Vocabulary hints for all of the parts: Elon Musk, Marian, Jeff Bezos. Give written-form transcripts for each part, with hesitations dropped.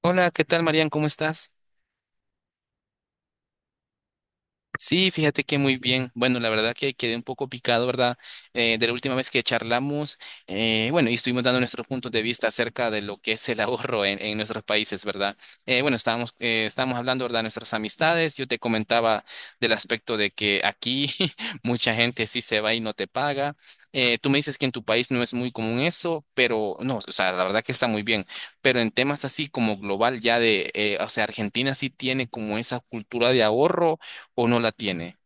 Hola, ¿qué tal, Marian? ¿Cómo estás? Sí, fíjate que muy bien. Bueno, la verdad que quedé un poco picado, ¿verdad? De la última vez que charlamos, bueno, y estuvimos dando nuestros puntos de vista acerca de lo que es el ahorro en nuestros países, ¿verdad? Bueno, estábamos hablando, ¿verdad? De nuestras amistades. Yo te comentaba del aspecto de que aquí mucha gente sí se va y no te paga. Tú me dices que en tu país no es muy común eso, pero no, o sea, la verdad que está muy bien. Pero en temas así como global, ya o sea, Argentina sí tiene como esa cultura de ahorro o no la tiene.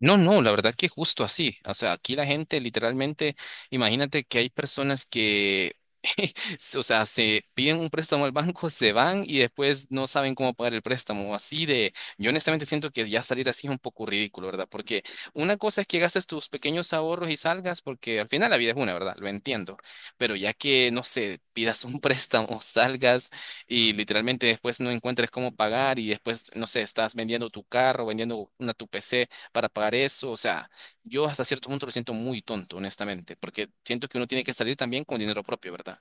No, no, la verdad que justo así. O sea, aquí la gente literalmente, imagínate que hay personas que, o sea, se piden un préstamo al banco, se van y después no saben cómo pagar el préstamo. Así de, yo honestamente siento que ya salir así es un poco ridículo, ¿verdad? Porque una cosa es que gastes tus pequeños ahorros y salgas, porque al final la vida es una, ¿verdad? Lo entiendo. Pero ya que, no sé, pidas un préstamo, salgas y literalmente después no encuentres cómo pagar y después, no sé, estás vendiendo tu carro, vendiendo una tu PC para pagar eso. O sea, yo hasta cierto punto lo siento muy tonto, honestamente, porque siento que uno tiene que salir también con dinero propio, ¿verdad?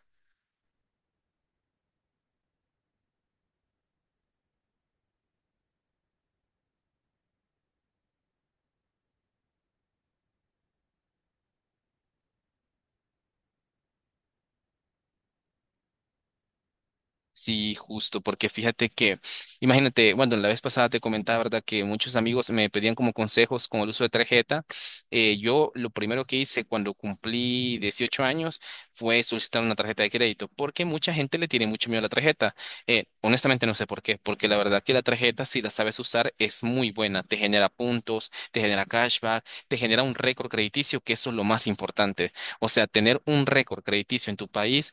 Sí, justo, porque fíjate que, imagínate, bueno, la vez pasada te comentaba, ¿verdad? Que muchos amigos me pedían como consejos con el uso de tarjeta. Yo lo primero que hice cuando cumplí 18 años fue solicitar una tarjeta de crédito, porque mucha gente le tiene mucho miedo a la tarjeta. Honestamente no sé por qué, porque la verdad que la tarjeta, si la sabes usar, es muy buena. Te genera puntos, te genera cashback, te genera un récord crediticio, que eso es lo más importante. O sea, tener un récord crediticio en tu país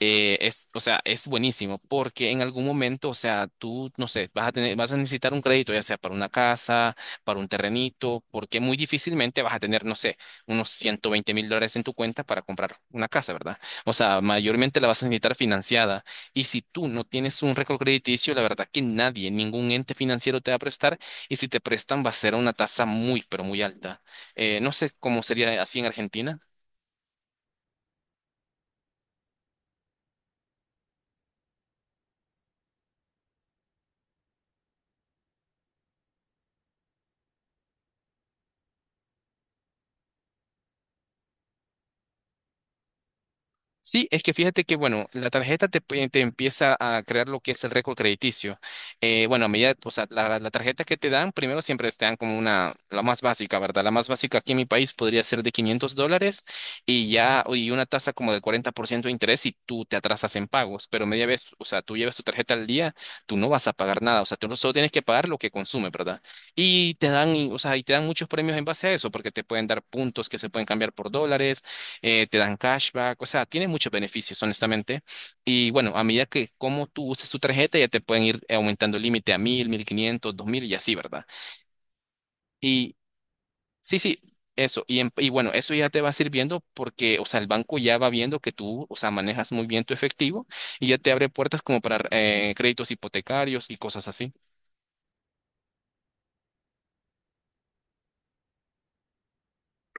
o sea, es buenísimo porque en algún momento, o sea, tú, no sé, vas a tener, vas a necesitar un crédito, ya sea para una casa, para un terrenito, porque muy difícilmente vas a tener, no sé, unos $120,000 en tu cuenta para comprar una casa, ¿verdad? O sea, mayormente la vas a necesitar financiada. Y si tú no tienes un récord crediticio, la verdad que nadie, ningún ente financiero te va a prestar. Y si te prestan, va a ser a una tasa muy, pero muy alta. No sé cómo sería así en Argentina. Sí, es que fíjate que, bueno, la tarjeta te empieza a crear lo que es el récord crediticio. Bueno, a medida, o sea, la tarjeta que te dan, primero siempre te dan como una, la más básica, ¿verdad? La más básica aquí en mi país podría ser de $500 y ya, y una tasa como del 40% de interés y tú te atrasas en pagos. Pero media vez, o sea, tú llevas tu tarjeta al día, tú no vas a pagar nada, o sea, tú solo tienes que pagar lo que consume, ¿verdad? Y te dan, o sea, y te dan muchos premios en base a eso, porque te pueden dar puntos que se pueden cambiar por dólares te dan cashback, o sea, tiene muchos beneficios, honestamente. Y bueno, a medida que como tú uses tu tarjeta, ya te pueden ir aumentando el límite a 1,000, 1,500, 2,000 y así, ¿verdad? Y sí, sí, eso. Y bueno, eso ya te va sirviendo porque, o sea, el banco ya va viendo que tú, o sea, manejas muy bien tu efectivo y ya te abre puertas como para créditos hipotecarios y cosas así.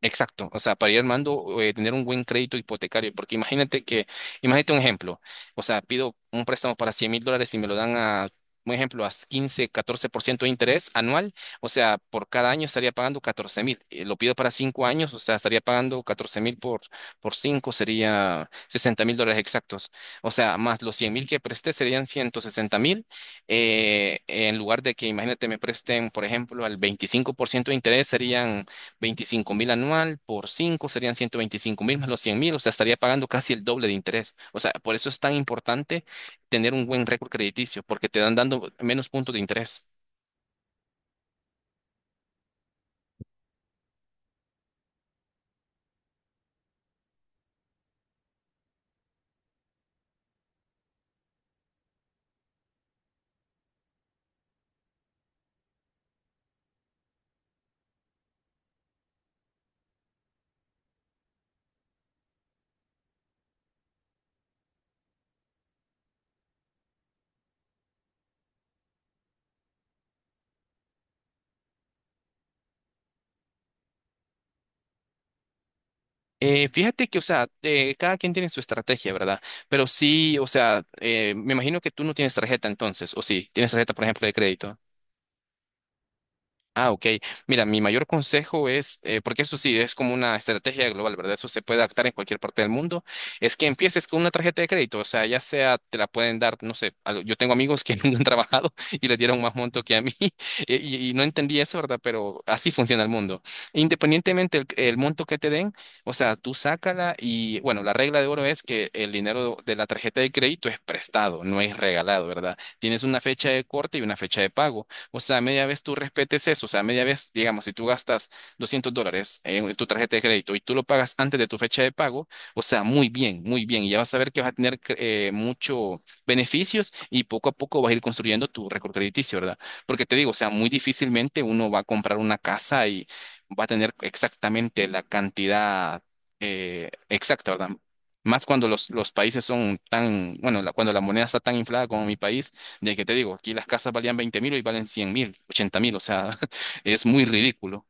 Exacto, o sea, para ir armando, tener un buen crédito hipotecario, porque imagínate que, imagínate un ejemplo, o sea, pido un préstamo para $100,000 y me lo dan a, un ejemplo, a 15, 14% de interés anual, o sea, por cada año estaría pagando 14,000, lo pido para 5 años, o sea, estaría pagando 14 mil por 5 sería $60,000 exactos, o sea, más los 100,000 que presté serían 160,000, en lugar de que, imagínate, me presten, por ejemplo, al 25% de interés serían 25,000 anual por 5 serían 125,000 más los 100 mil, o sea, estaría pagando casi el doble de interés. O sea, por eso es tan importante tener un buen récord crediticio, porque te dan dando menos puntos de interés. Fíjate que, o sea, cada quien tiene su estrategia, ¿verdad? Pero sí, o sea, me imagino que tú no tienes tarjeta entonces, o sí, tienes tarjeta, por ejemplo, de crédito. Ah, ok. Mira, mi mayor consejo es, porque eso sí es como una estrategia global, ¿verdad? Eso se puede adaptar en cualquier parte del mundo, es que empieces con una tarjeta de crédito, o sea, ya sea te la pueden dar, no sé, yo tengo amigos que nunca han trabajado y les dieron más monto que a mí y no entendí eso, ¿verdad? Pero así funciona el mundo. Independientemente el monto que te den, o sea, tú sácala y, bueno, la regla de oro es que el dinero de la tarjeta de crédito es prestado, no es regalado, ¿verdad? Tienes una fecha de corte y una fecha de pago. O sea, media vez tú respetes eso. O sea, media vez, digamos, si tú gastas $200 en tu tarjeta de crédito y tú lo pagas antes de tu fecha de pago, o sea, muy bien, muy bien. Y ya vas a ver que vas a tener muchos beneficios y poco a poco vas a ir construyendo tu récord crediticio, ¿verdad? Porque te digo, o sea, muy difícilmente uno va a comprar una casa y va a tener exactamente la cantidad exacta, ¿verdad? Más cuando los países son tan, bueno, cuando la moneda está tan inflada como mi país, de que te digo, aquí las casas valían 20,000 y valen 100,000, 80,000, o sea, es muy ridículo.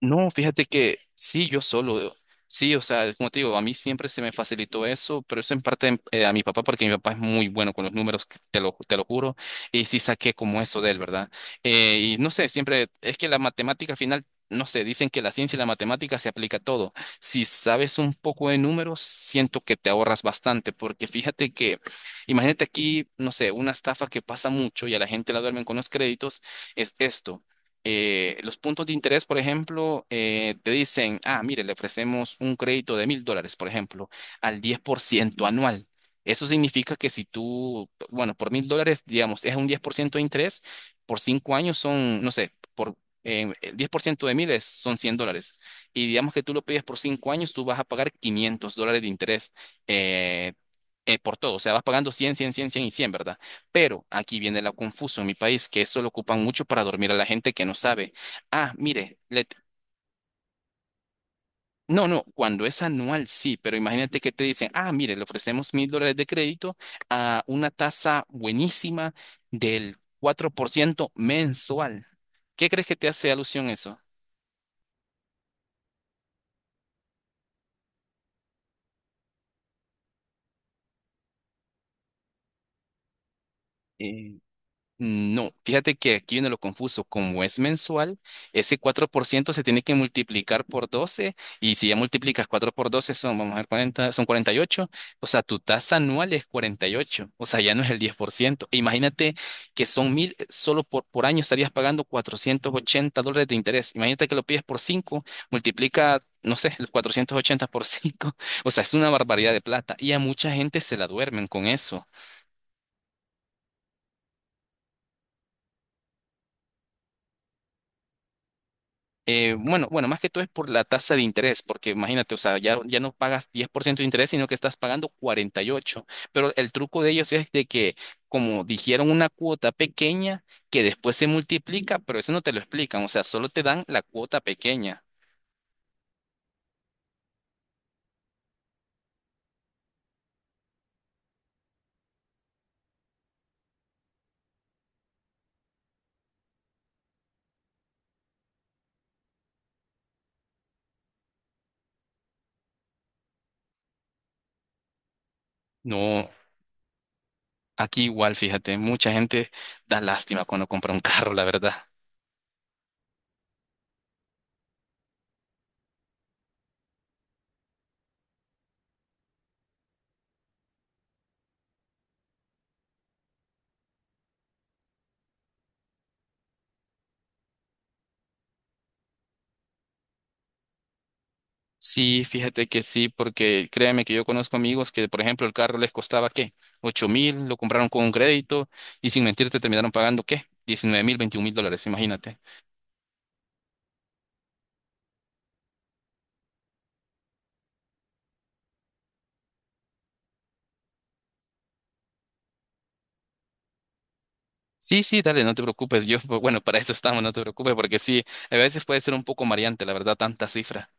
No, fíjate que sí, yo solo, sí, o sea, como te digo, a mí siempre se me facilitó eso, pero eso en parte a mi papá, porque mi papá es muy bueno con los números, te lo juro, y sí saqué como eso de él, ¿verdad? Y no sé, siempre, es que la matemática al final, no sé, dicen que la ciencia y la matemática se aplica a todo. Si sabes un poco de números, siento que te ahorras bastante, porque fíjate que, imagínate aquí, no sé, una estafa que pasa mucho y a la gente la duermen con los créditos, es esto. Los puntos de interés, por ejemplo, te dicen, ah, mire, le ofrecemos un crédito de $1,000, por ejemplo, al 10% anual. Eso significa que si tú, bueno, por $1,000, digamos, es un 10% de interés, por 5 años son, no sé, por el 10% de mil son $100. Y digamos que tú lo pides por 5 años, tú vas a pagar $500 de interés eh, por todo. O sea, vas pagando 100, 100, 100, 100 y 100, ¿verdad? Pero aquí viene lo confuso en mi país, que eso lo ocupan mucho para dormir a la gente que no sabe. Ah, mire, no, no, cuando es anual sí, pero imagínate que te dicen, ah, mire, le ofrecemos $1,000 de crédito a una tasa buenísima del 4% mensual. ¿Qué crees que te hace alusión eso? Mm, no, fíjate que aquí viene lo confuso. Como es mensual, ese 4% se tiene que multiplicar por 12 y si ya multiplicas 4 por 12, son, vamos a ver, 40, son 48. O sea, tu tasa anual es 48. O sea, ya no es el 10%. Imagínate que son 1,000, solo por año estarías pagando $480 de interés. Imagínate que lo pides por 5, multiplica, no sé, los 480 por 5. O sea, es una barbaridad de plata y a mucha gente se la duermen con eso. Bueno, más que todo es por la tasa de interés, porque imagínate, o sea, ya no pagas 10% de interés, sino que estás pagando 48%. Pero el truco de ellos es de que, como dijeron, una cuota pequeña que después se multiplica, pero eso no te lo explican, o sea, solo te dan la cuota pequeña. No, aquí igual, fíjate, mucha gente da lástima cuando compra un carro, la verdad. Sí, fíjate que sí, porque créeme que yo conozco amigos que, por ejemplo, el carro les costaba, ¿qué? 8,000, lo compraron con un crédito y sin mentirte terminaron pagando, ¿qué? 19,000, $21,000, imagínate. Sí, sí, dale, no te preocupes. Yo, pues, bueno, para eso estamos, no te preocupes, porque sí, a veces puede ser un poco mareante, la verdad, tanta cifra.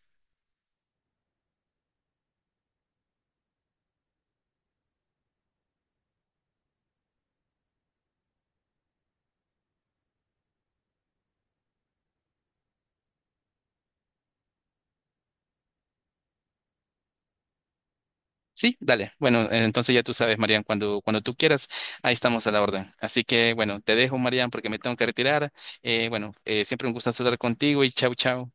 Sí, dale. Bueno, entonces ya tú sabes, Marian, cuando tú quieras, ahí estamos a la orden. Así que, bueno, te dejo, Marian, porque me tengo que retirar. Bueno, siempre un gusto hablar contigo y chau, chau.